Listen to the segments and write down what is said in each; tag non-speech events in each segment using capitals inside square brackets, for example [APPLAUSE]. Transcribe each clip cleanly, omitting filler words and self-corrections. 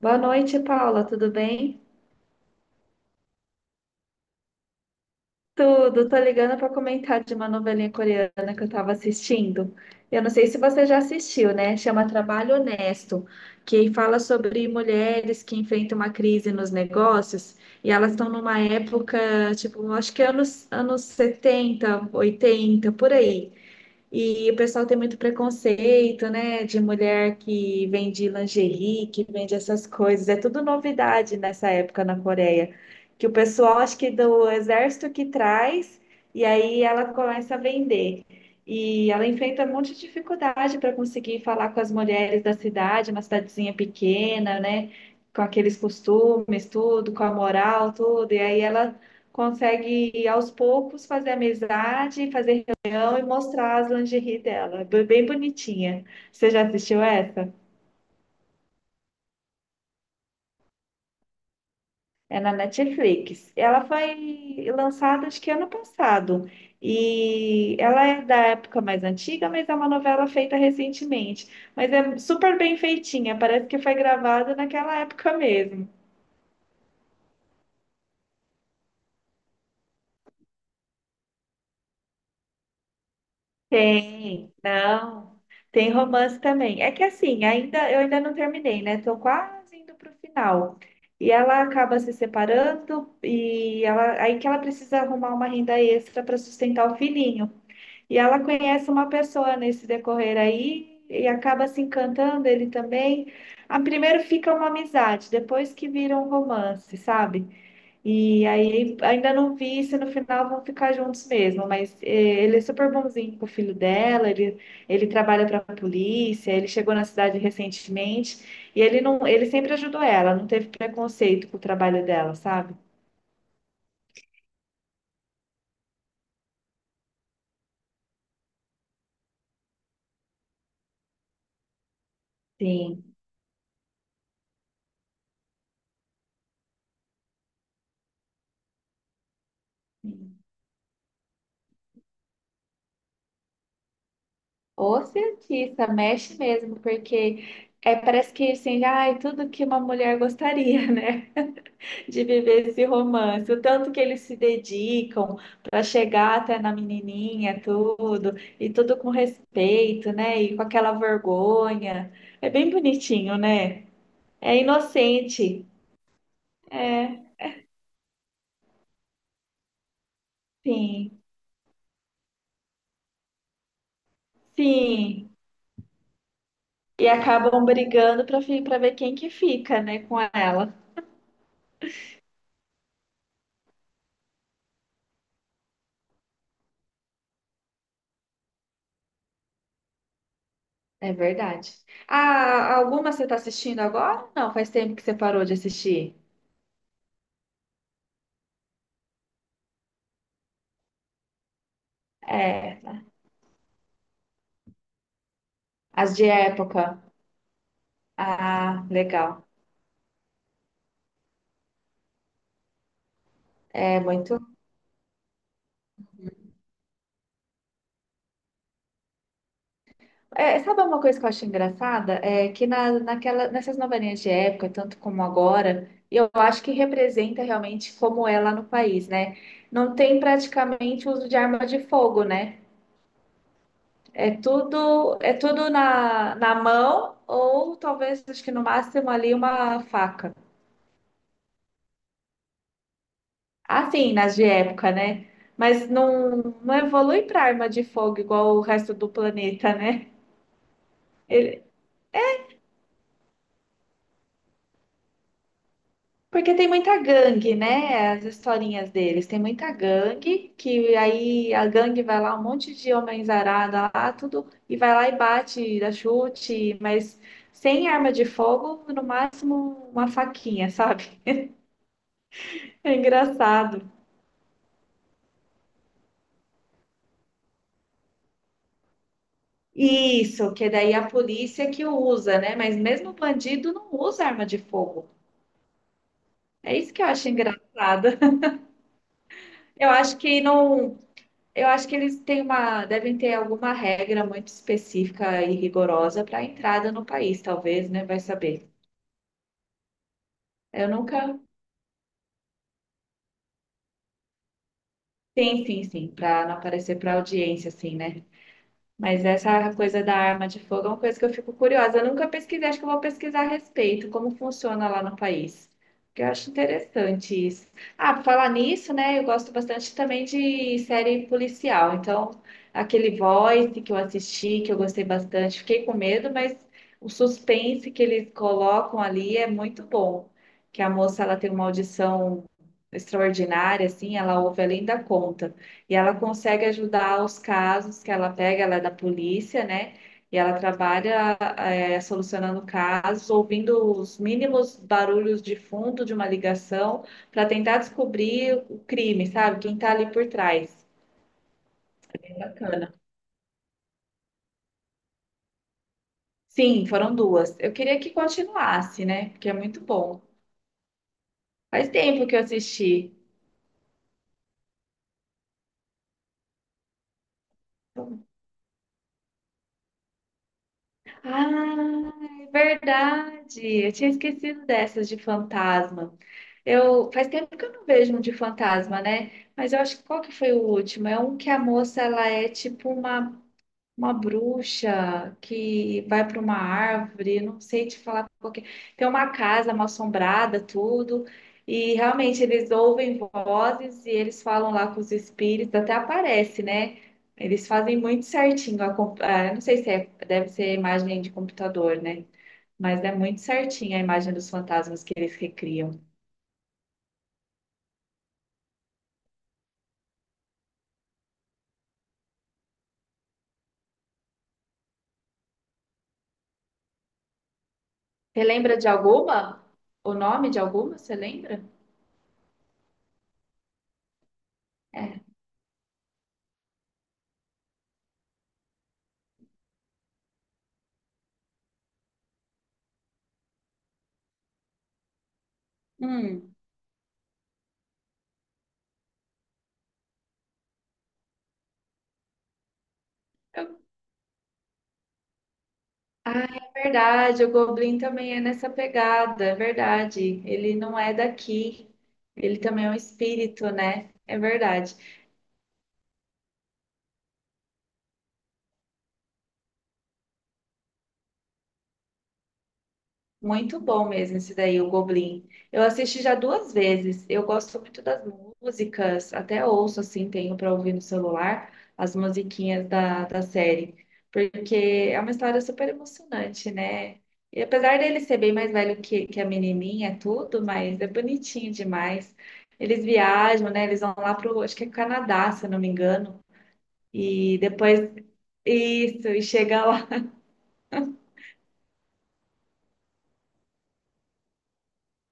Boa noite, Paula, tudo bem? Tudo, tô ligando para comentar de uma novelinha coreana que eu estava assistindo. Eu não sei se você já assistiu, né? Chama Trabalho Honesto, que fala sobre mulheres que enfrentam uma crise nos negócios e elas estão numa época, tipo, acho que anos 70, 80, por aí. E o pessoal tem muito preconceito, né? De mulher que vende lingerie, que vende essas coisas. É tudo novidade nessa época na Coreia. Que o pessoal, acho que do exército que traz, e aí ela começa a vender. E ela enfrenta um monte de dificuldade para conseguir falar com as mulheres da cidade, uma cidadezinha pequena, né? Com aqueles costumes, tudo, com a moral, tudo. E aí ela consegue, aos poucos, fazer amizade, fazer e mostrar as lingerie dela. Bem bonitinha. Você já assistiu essa? É na Netflix. Ela foi lançada acho que ano passado. E ela é da época mais antiga, mas é uma novela feita recentemente. Mas é super bem feitinha, parece que foi gravada naquela época mesmo. Tem, não. Tem romance também. É que assim, ainda eu ainda não terminei, né? Tô quase indo pro final. E ela acaba se separando e ela aí que ela precisa arrumar uma renda extra para sustentar o filhinho. E ela conhece uma pessoa nesse decorrer aí e acaba se encantando ele também. A primeiro fica uma amizade, depois que vira um romance, sabe? E aí ainda não vi se no final vão ficar juntos mesmo, mas ele é super bonzinho com o filho dela, ele trabalha para a polícia, ele chegou na cidade recentemente e ele não, ele sempre ajudou ela, não teve preconceito com o trabalho dela, sabe? Sim. O cientista, mexe mesmo, porque é, parece que assim, ai, tudo que uma mulher gostaria, [LAUGHS] né? De viver esse romance, o tanto que eles se dedicam para chegar até na menininha, tudo, e tudo com respeito, né? E com aquela vergonha. É bem bonitinho, né? É inocente. É, sim, sim. E acabam brigando para ver quem que fica, né, com ela. É verdade. Ah, alguma você está assistindo agora? Não, faz tempo que você parou de assistir. É, as de época. Ah, legal. É muito. É, sabe uma coisa que eu acho engraçada? É que nessas novelinhas de época, tanto como agora, eu acho que representa realmente como é lá no país, né? Não tem praticamente uso de arma de fogo, né? É tudo, na mão, ou talvez, acho que no máximo ali, uma faca. Assim, nas de época, né? Mas não, não evolui para arma de fogo igual o resto do planeta, né? Porque tem muita gangue, né? As historinhas deles. Tem muita gangue, que aí a gangue vai lá, um monte de homens arada lá, tudo, e vai lá e bate, dá chute, mas sem arma de fogo, no máximo uma faquinha, sabe? [LAUGHS] É engraçado. Isso, que daí a polícia que usa, né? Mas mesmo o bandido não usa arma de fogo. É isso que eu acho engraçado. [LAUGHS] Eu acho que não. Eu acho que eles têm uma, devem ter alguma regra muito específica e rigorosa para a entrada no país, talvez, né? Vai saber. Eu nunca. Sim, sim, sim, para não aparecer para audiência, assim, né? Mas essa coisa da arma de fogo é uma coisa que eu fico curiosa. Eu nunca pesquisei, acho que eu vou pesquisar a respeito, como funciona lá no país. Porque eu acho interessante isso. Ah, por falar nisso, né? Eu gosto bastante também de série policial. Então, aquele Voice que eu assisti, que eu gostei bastante, fiquei com medo, mas o suspense que eles colocam ali é muito bom. Que a moça ela tem uma audição extraordinária, assim, ela ouve além da conta. E ela consegue ajudar os casos que ela pega, ela é da polícia, né? E ela trabalha é, solucionando casos, ouvindo os mínimos barulhos de fundo de uma ligação para tentar descobrir o crime, sabe? Quem está ali por trás. É bacana. Sim, foram duas. Eu queria que continuasse, né? Porque é muito bom. Faz tempo que eu assisti. Ah, é verdade. Eu tinha esquecido dessas de fantasma. Eu faz tempo que eu não vejo um de fantasma, né? Mas eu acho que qual que foi o último? É um que a moça ela é tipo uma bruxa que vai para uma árvore, não sei te falar qual que é. Tem uma casa mal assombrada, tudo. E realmente eles ouvem vozes e eles falam lá com os espíritos, até aparece, né? Eles fazem muito certinho. Eu não sei se é, deve ser imagem de computador, né? Mas é muito certinho a imagem dos fantasmas que eles recriam. Você lembra de alguma? O nome de alguma? Você lembra? Hum. eu Ah, é verdade, o Goblin também é nessa pegada, é verdade. Ele não é daqui, ele também é um espírito, né? É verdade. Muito bom mesmo esse daí, o Goblin. Eu assisti já duas vezes. Eu gosto muito das músicas, até ouço assim, tenho para ouvir no celular as musiquinhas da série, porque é uma história super emocionante, né? E apesar dele ser bem mais velho que a menininha, é tudo, mas é bonitinho demais. Eles viajam, né? Eles vão lá pro, acho que é Canadá, se eu não me engano, e depois isso, e chega lá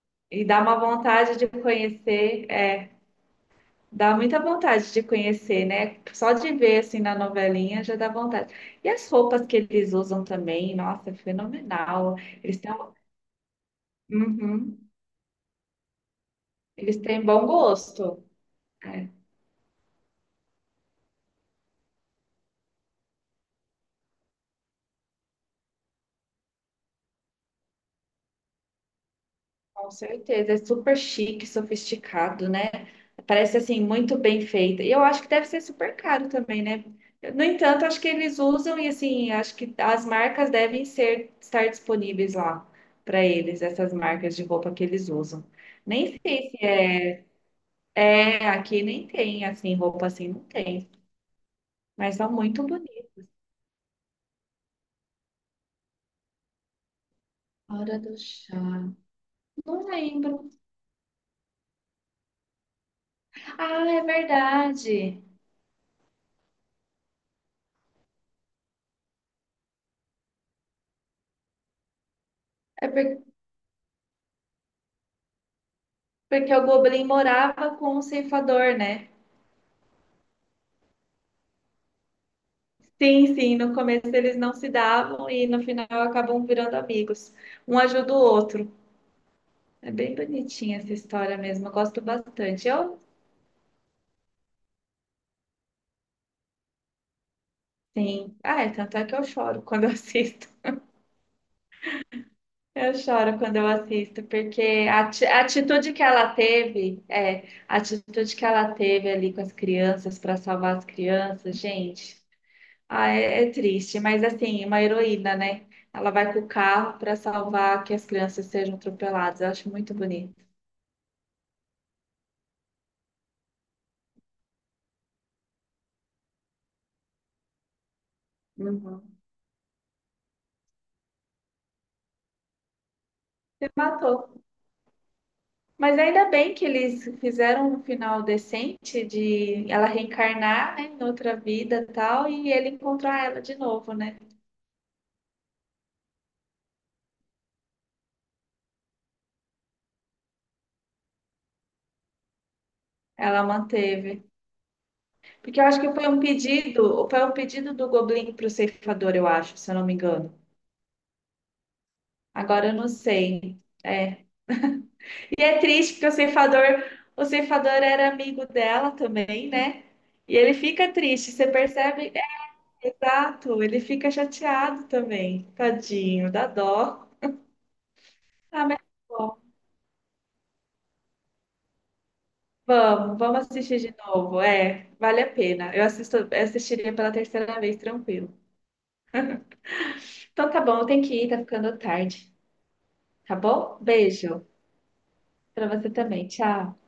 [LAUGHS] e dá uma vontade de conhecer. É, Dá muita vontade de conhecer, né? Só de ver assim na novelinha já dá vontade. E as roupas que eles usam também, nossa, é fenomenal. Eles têm, um-. Uhum. Eles têm bom gosto. É, com certeza. É super chique, sofisticado, né? Parece assim muito bem feita. E eu acho que deve ser super caro também, né? No entanto, acho que eles usam e assim, acho que as marcas devem ser estar disponíveis lá para eles, essas marcas de roupa que eles usam. Nem sei. É, aqui nem tem, assim, roupa assim não tem. Mas são muito bonitas. Hora do chá. Não lembro. Ah, é verdade. É por-, porque o Goblin morava com o ceifador, né? Sim, sim. No começo eles não se davam e no final acabam virando amigos. Um ajuda o outro. É bem bonitinha essa história mesmo. Eu gosto bastante. Eu, sim. Ah, é, tanto é que eu choro quando [LAUGHS] eu assisto. Eu choro quando eu assisto, porque a atitude que ela teve, é, a atitude que ela teve ali com as crianças para salvar as crianças, gente, ah, é, é triste, mas assim, uma heroína, né? Ela vai com o carro para salvar que as crianças sejam atropeladas. Eu acho muito bonito. Uhum. Me matou. Mas ainda bem que eles fizeram um final decente de ela reencarnar, né, em outra vida e tal, e ele encontrar ela de novo, né? Ela manteve. Porque eu acho que foi um pedido, do Goblin pro ceifador, eu acho, se eu não me engano. Agora eu não sei. É. E é triste porque o ceifador, era amigo dela também, né? E ele fica triste, você percebe? É, exato, ele fica chateado também. Tadinho, dá dó. Ah, mas tá bom, vamos assistir de novo. É, vale a pena. Eu assisto, assistiria pela terceira vez, tranquilo. Então tá bom, eu tenho que ir, tá ficando tarde. Tá bom? Beijo. Para você também. Tchau.